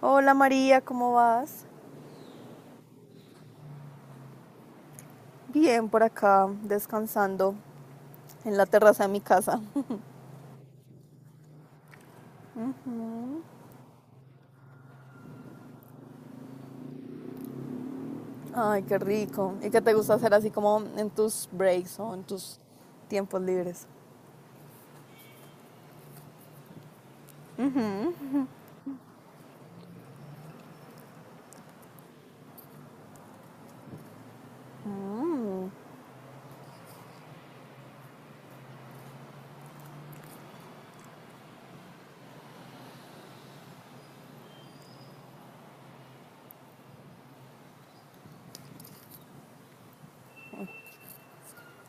Hola María, ¿cómo vas? Bien, por acá, descansando en la terraza de mi casa. Ay, qué rico. ¿Y qué te gusta hacer así como en tus breaks o en tus tiempos libres?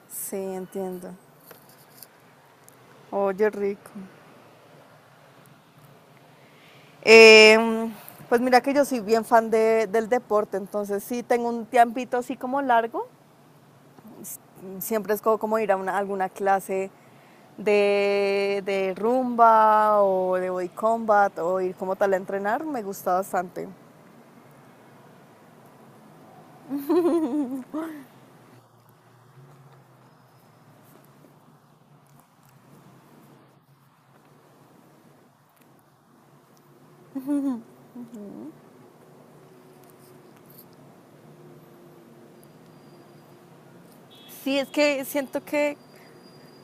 Sí, entiendo. Oye, rico. Em, pues mira que yo soy bien del deporte, entonces sí tengo un tiempito así como largo. Siempre es como ir a alguna clase de rumba o de body combat o ir como tal a entrenar, me gusta bastante. Sí, es que siento que,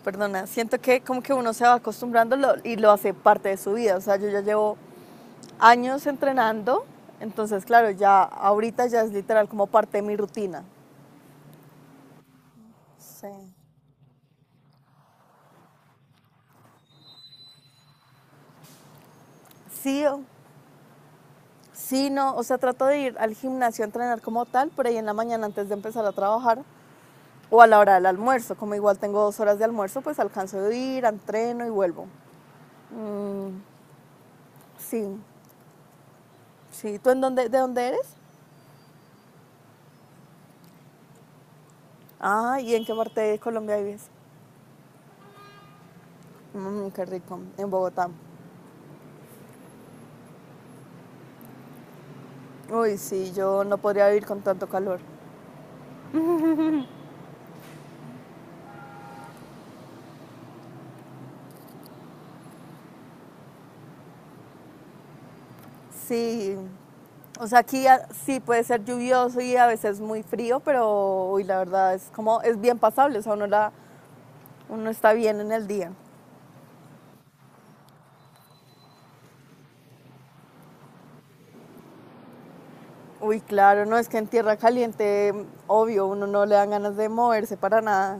perdona, siento que como que uno se va y lo hace parte de su vida. O sea, yo ya llevo años entrenando, entonces claro, ya ahorita ya es literal como parte de mi rutina. Sí. Sí, sí, no, o sea, trato de ir al gimnasio a entrenar como tal, por ahí en la mañana antes de empezar a trabajar, o a la hora del almuerzo. Como igual tengo 2 horas de almuerzo, pues alcanzo a ir, entreno y vuelvo. Mm, sí, sí. ¿Tú en dónde, de dónde eres? Ah, ¿y en qué parte de Colombia vives? Mm, qué rico, en Bogotá. Uy, sí, yo no podría vivir con tanto calor. Sí, o sea, sí puede ser lluvioso y a veces muy frío, pero uy, la verdad es como, es bien pasable, o sea, uno, la, uno está bien en el día. Uy, claro, no, es que en tierra caliente, obvio, uno no le dan ganas de moverse para nada.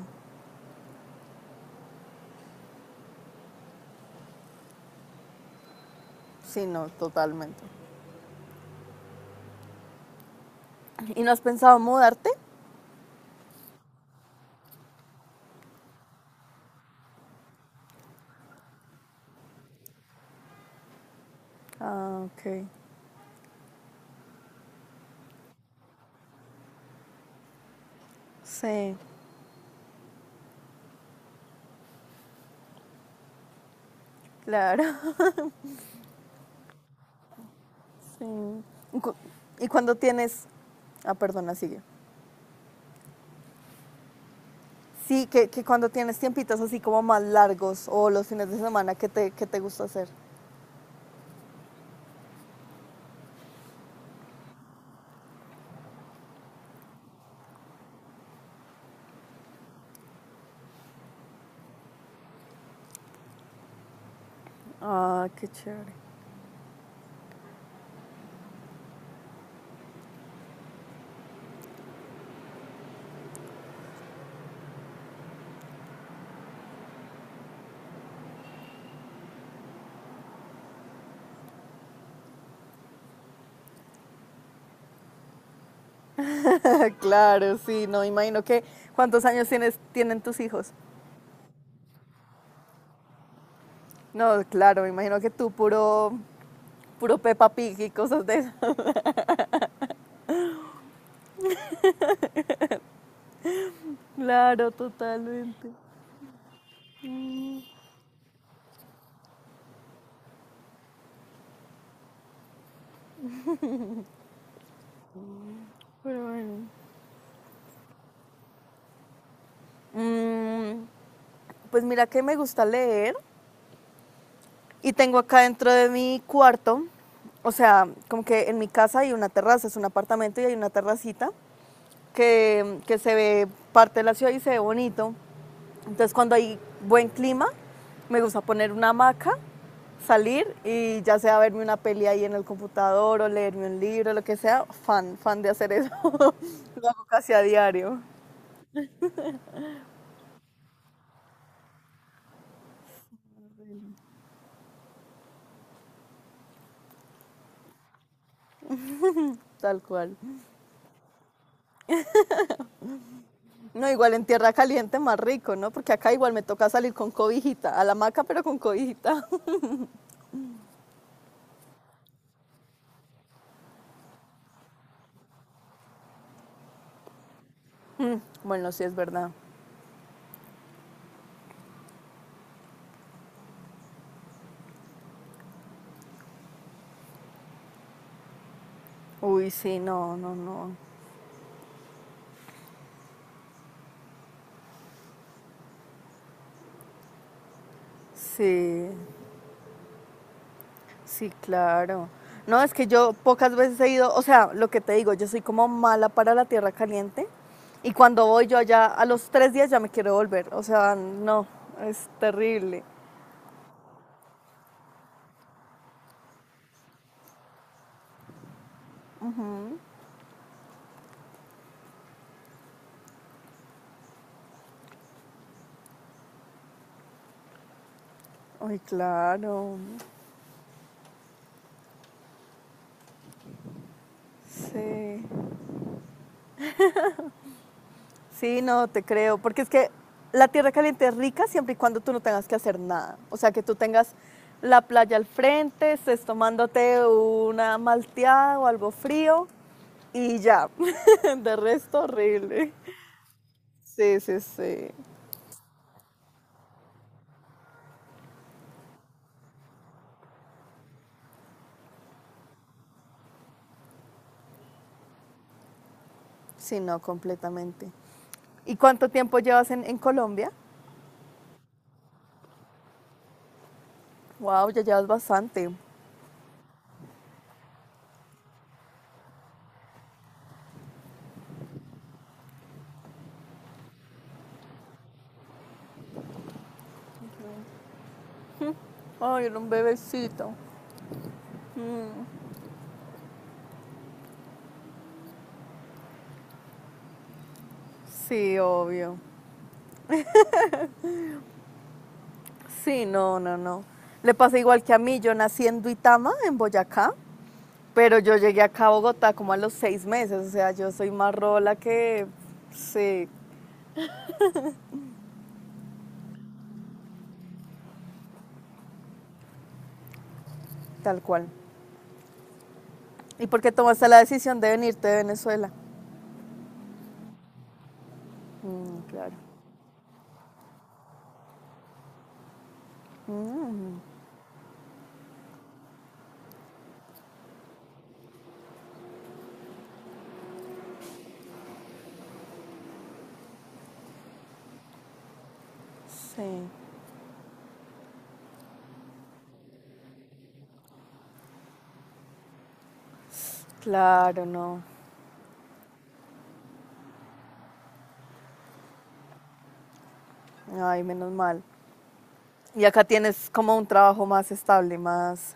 Sí, no, totalmente. ¿Y no has pensado mudarte? Ah, ok. Sí, claro. Sí. ¿Y cuando tienes... Ah, perdona, sigue. Sí, que cuando tienes tiempitos así como más largos o los fines de semana, qué te gusta hacer? Ah, qué chévere. Claro, sí, no, imagino que... ¿Cuántos años tienes, tienen tus hijos? No, claro, me imagino que tú puro puro Peppa Pig y cosas de eso. Claro, totalmente. Pero bueno. Mm, pues mira que me gusta leer y tengo acá dentro de mi cuarto, o sea, como que en mi casa hay una terraza, es un apartamento y hay una terracita que se ve parte de la ciudad y se ve bonito. Entonces cuando hay buen clima, me gusta poner una hamaca, salir y ya sea verme una peli ahí en el computador o leerme un libro, lo que sea, fan, fan de hacer eso. Lo hago casi a diario, tal cual. No, igual en tierra caliente más rico, ¿no? Porque acá igual me toca salir con cobijita, a la hamaca pero con cobijita. Bueno, sí es verdad. Uy, sí, no, no, no. Sí. Sí, claro. No, es que yo pocas veces he ido, o sea, lo que te digo, yo soy como mala para la tierra caliente y cuando voy yo allá a los 3 días ya me quiero volver, o sea, no, es terrible. Ay, claro, sí, sí, no, te creo, porque es que la tierra caliente es rica siempre y cuando tú no tengas que hacer nada, o sea, que tú tengas la playa al frente, estés tomándote una malteada o algo frío y ya, de resto horrible. Sí, sí, sí. Sí, no, completamente. ¿Y cuánto tiempo llevas en Colombia? Wow, ya llevas bastante. Ay, era un bebecito. Sí, obvio. Sí, no, no, no. Le pasa igual que a mí. Yo nací en Duitama, en Boyacá, pero yo llegué acá a Bogotá como a los 6 meses. O sea, yo soy más rola que. Sí, tal cual. ¿Y por qué tomaste la decisión de venirte de Venezuela? Mm, claro. Sí, claro, no. Ay, menos mal. Y acá tienes como un trabajo más estable, más...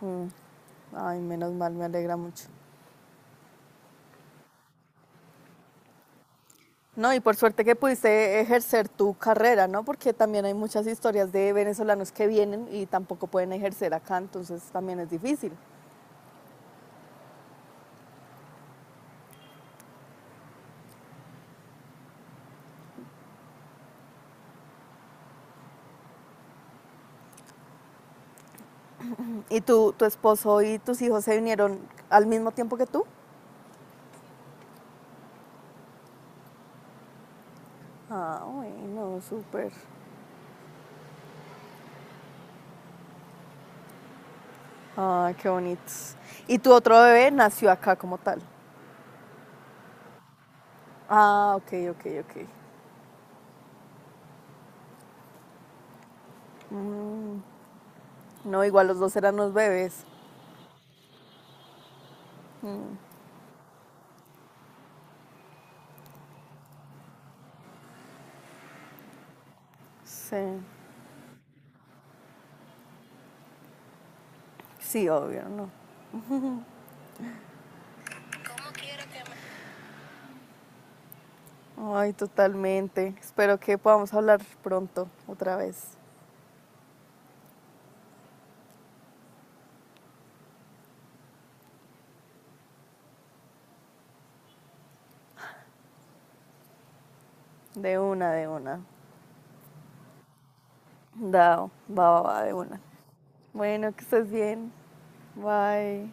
Mm. Ay, menos mal, me alegra mucho. No, y por suerte que pudiste ejercer tu carrera, ¿no? Porque también hay muchas historias de venezolanos que vienen y tampoco pueden ejercer acá, entonces también es difícil. ¿Y tú, tu esposo y tus hijos se vinieron al mismo tiempo que tú? Ah, bueno, súper. Ah, qué bonitos. ¿Y tu otro bebé nació acá como tal? Ah, ok, ok, ok. No, igual los dos eran los bebés. Sí. Sí, obvio, no. Ay, totalmente. Espero que podamos hablar pronto, otra vez. De una, de una. Dao, va, va, va, de una. Bueno, que estés bien. Bye.